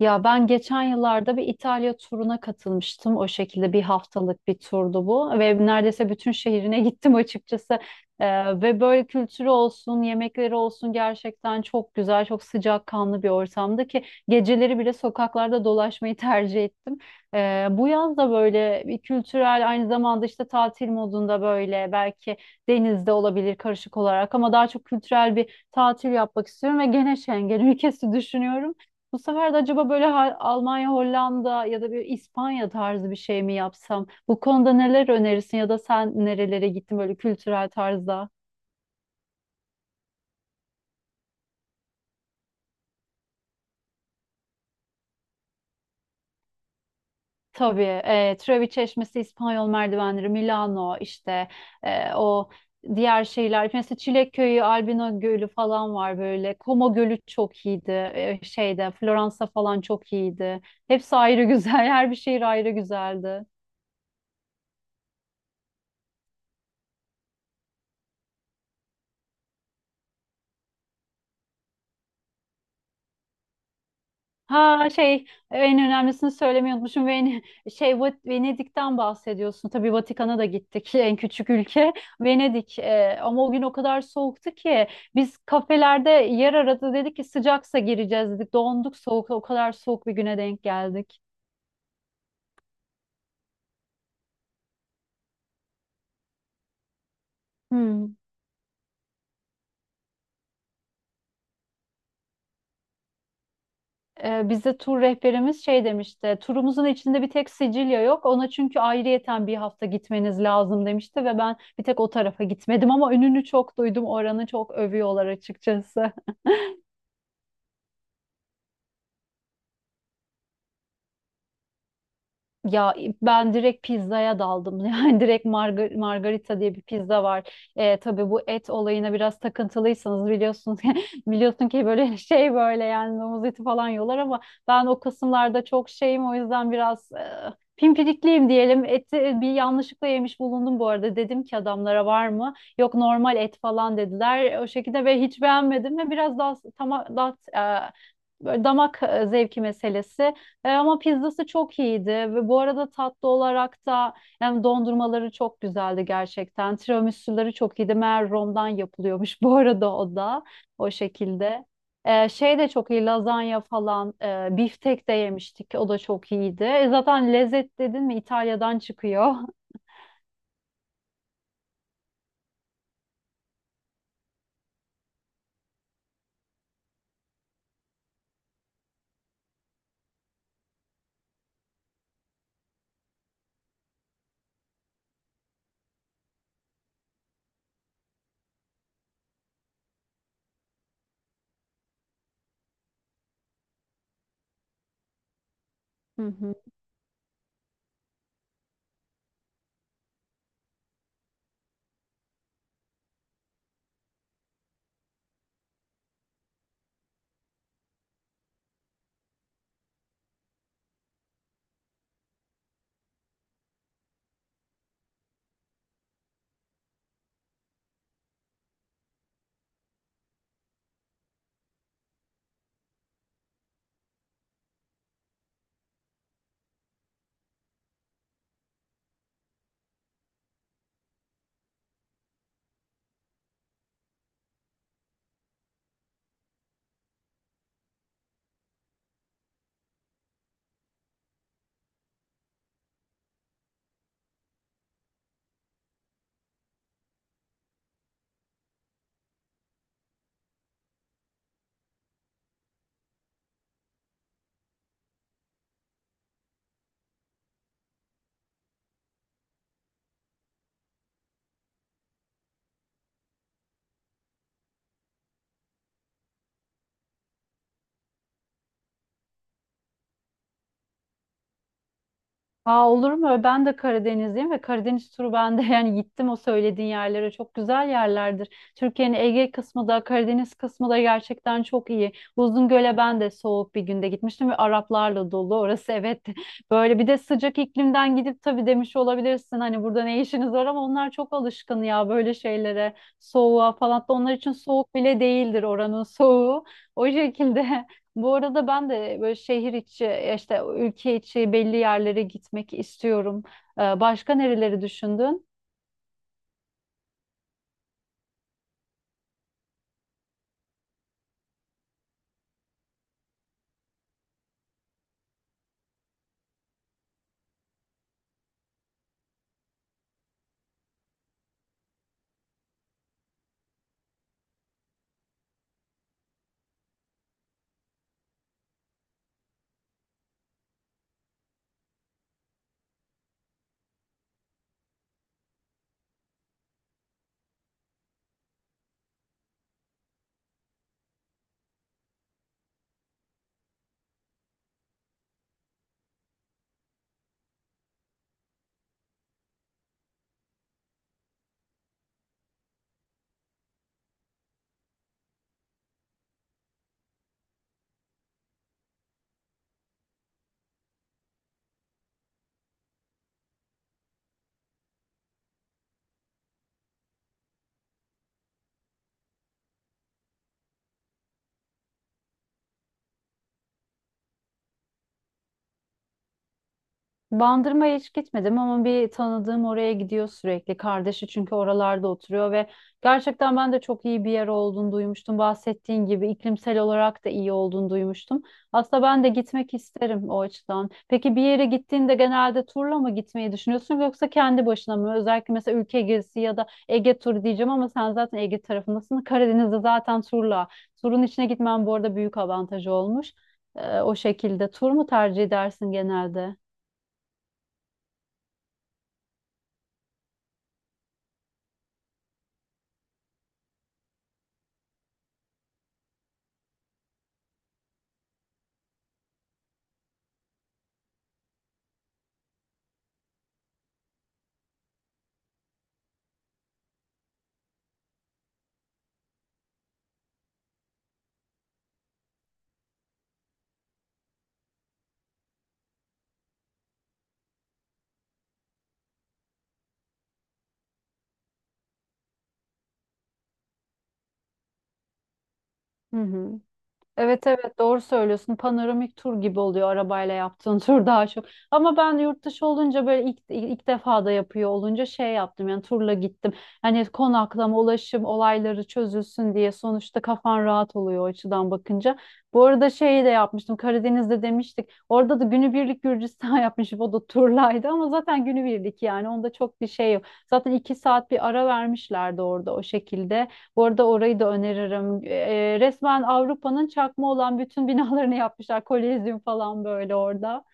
Ya ben geçen yıllarda bir İtalya turuna katılmıştım. O şekilde bir haftalık bir turdu bu ve neredeyse bütün şehrine gittim açıkçası. Ve böyle kültürü olsun, yemekleri olsun gerçekten çok güzel, çok sıcakkanlı bir ortamdı ki geceleri bile sokaklarda dolaşmayı tercih ettim. Bu yaz da böyle bir kültürel aynı zamanda işte tatil modunda böyle belki denizde olabilir karışık olarak ama daha çok kültürel bir tatil yapmak istiyorum ve gene Schengen ülkesi düşünüyorum. Bu sefer de acaba böyle Almanya, Hollanda ya da bir İspanya tarzı bir şey mi yapsam? Bu konuda neler önerirsin ya da sen nerelere gittin böyle kültürel tarzda? Tabii Trevi Çeşmesi, İspanyol merdivenleri, Milano işte e, o diğer şeyler. Mesela Çilek Köyü, Albino Gölü falan var böyle. Como Gölü çok iyiydi. Şeyde Floransa falan çok iyiydi. Hepsi ayrı güzel. Her bir şehir ayrı güzeldi. Ha şey, en önemlisini söylemeyi unutmuşum. Şey, Venedik'ten bahsediyorsun. Tabii Vatikan'a da gittik, en küçük ülke Venedik. Ama o gün o kadar soğuktu ki biz kafelerde yer aradı, dedik ki sıcaksa gireceğiz dedik. Donduk, soğuk, o kadar soğuk bir güne denk geldik. Hmm. Bize tur rehberimiz şey demişti. Turumuzun içinde bir tek Sicilya yok. Ona çünkü ayrıyeten bir hafta gitmeniz lazım demişti ve ben bir tek o tarafa gitmedim ama önünü çok duydum. Oranı çok övüyorlar açıkçası. Ya ben direkt pizzaya daldım. Yani direkt margarita diye bir pizza var. Tabii bu et olayına biraz takıntılıysanız biliyorsunuz, biliyorsun ki böyle, şey böyle, yani domuz eti falan yiyorlar ama ben o kısımlarda çok şeyim, o yüzden biraz pimpirikliyim diyelim. Eti bir yanlışlıkla yemiş bulundum bu arada. Dedim ki adamlara, var mı? Yok, normal et falan dediler. O şekilde ve hiç beğenmedim ve biraz daha tamam, daha böyle damak zevki meselesi. Ama pizzası çok iyiydi ve bu arada tatlı olarak da yani dondurmaları çok güzeldi gerçekten. Tiramisu'ları çok iyiydi. Meğer Rom'dan yapılıyormuş, bu arada o da o şekilde. Şey de çok iyi, lazanya falan, biftek de yemiştik, o da çok iyiydi. Zaten lezzet dedin mi İtalya'dan çıkıyor. Hı hı. Aa, olur mu? Ben de Karadenizliyim ve Karadeniz turu ben de yani gittim o söylediğin yerlere. Çok güzel yerlerdir. Türkiye'nin Ege kısmı da Karadeniz kısmı da gerçekten çok iyi. Uzungöl'e ben de soğuk bir günde gitmiştim ve Araplarla dolu orası, evet. Böyle bir de sıcak iklimden gidip tabii demiş olabilirsin hani burada ne işiniz var, ama onlar çok alışkın ya böyle şeylere. Soğuğa falan da, onlar için soğuk bile değildir oranın soğuğu. O şekilde. Bu arada ben de böyle şehir içi, ya işte ülke içi belli yerlere gitmek istiyorum. Başka nereleri düşündün? Bandırma'ya hiç gitmedim ama bir tanıdığım oraya gidiyor sürekli. Kardeşi çünkü oralarda oturuyor ve gerçekten ben de çok iyi bir yer olduğunu duymuştum. Bahsettiğin gibi iklimsel olarak da iyi olduğunu duymuştum. Aslında ben de gitmek isterim o açıdan. Peki bir yere gittiğinde genelde turla mı gitmeyi düşünüyorsun yoksa kendi başına mı? Özellikle mesela ülke gezisi ya da Ege turu diyeceğim ama sen zaten Ege tarafındasın. Karadeniz'de zaten turla. Turun içine gitmen bu arada büyük avantajı olmuş. O şekilde tur mu tercih edersin genelde? Hı hı. Evet, evet, doğru söylüyorsun. Panoramik tur gibi oluyor arabayla yaptığın tur daha çok. Ama ben yurt dışı olunca böyle ilk defa da yapıyor olunca şey yaptım, yani turla gittim. Hani konaklama, ulaşım olayları çözülsün diye sonuçta kafan rahat oluyor o açıdan bakınca. Bu arada şeyi de yapmıştım, Karadeniz'de demiştik. Orada da günübirlik Gürcistan yapmışım, o da turlaydı ama zaten günübirlik, yani onda çok bir şey yok. Zaten iki saat bir ara vermişlerdi orada, o şekilde. Bu arada orayı da öneririm. Resmen Avrupa'nın çakma olan bütün binalarını yapmışlar. Kolezyum falan böyle orada.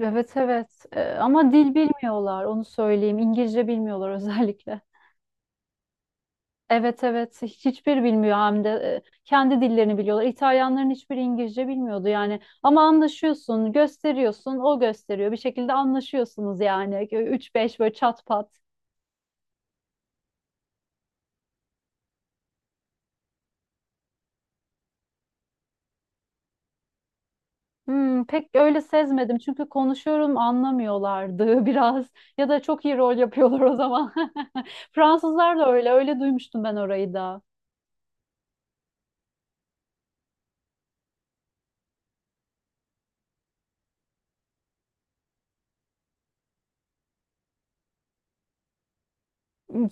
Evet, evet. Ama dil bilmiyorlar, onu söyleyeyim. İngilizce bilmiyorlar özellikle. Evet, evet. Hiçbir bilmiyor, hem de kendi dillerini biliyorlar. İtalyanların hiçbiri İngilizce bilmiyordu yani. Ama anlaşıyorsun, gösteriyorsun, o gösteriyor. Bir şekilde anlaşıyorsunuz yani. 3-5 böyle çat pat. Hmm, pek öyle sezmedim çünkü konuşuyorum anlamıyorlardı biraz, ya da çok iyi rol yapıyorlar o zaman. Fransızlar da öyle, öyle duymuştum ben orayı da.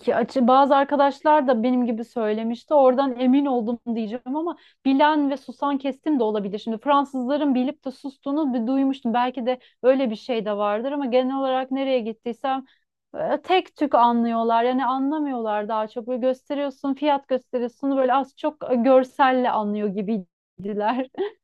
Ki açı bazı arkadaşlar da benim gibi söylemişti. Oradan emin oldum diyeceğim ama bilen ve susan kestim de olabilir. Şimdi Fransızların bilip de sustuğunu bir duymuştum. Belki de öyle bir şey de vardır ama genel olarak nereye gittiysem tek tük anlıyorlar. Yani anlamıyorlar daha çok. Böyle gösteriyorsun, fiyat gösteriyorsun, böyle az çok görselle anlıyor gibiydiler.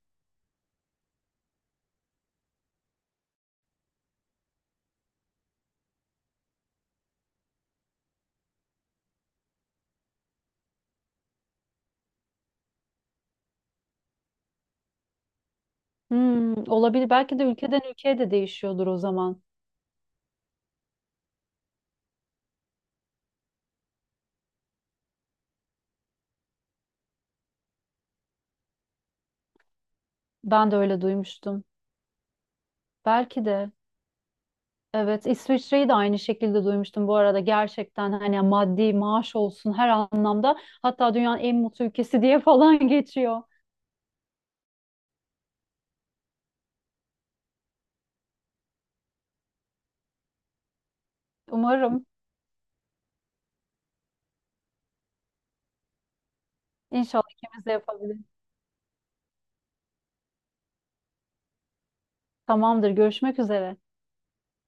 Hmm, olabilir. Belki de ülkeden ülkeye de değişiyordur o zaman. Ben de öyle duymuştum. Belki de. Evet, İsviçre'yi de aynı şekilde duymuştum bu arada. Gerçekten hani maddi, maaş olsun, her anlamda. Hatta dünyanın en mutlu ülkesi diye falan geçiyor. Umarım, inşallah ikimiz de yapabiliriz. Tamamdır, görüşmek üzere.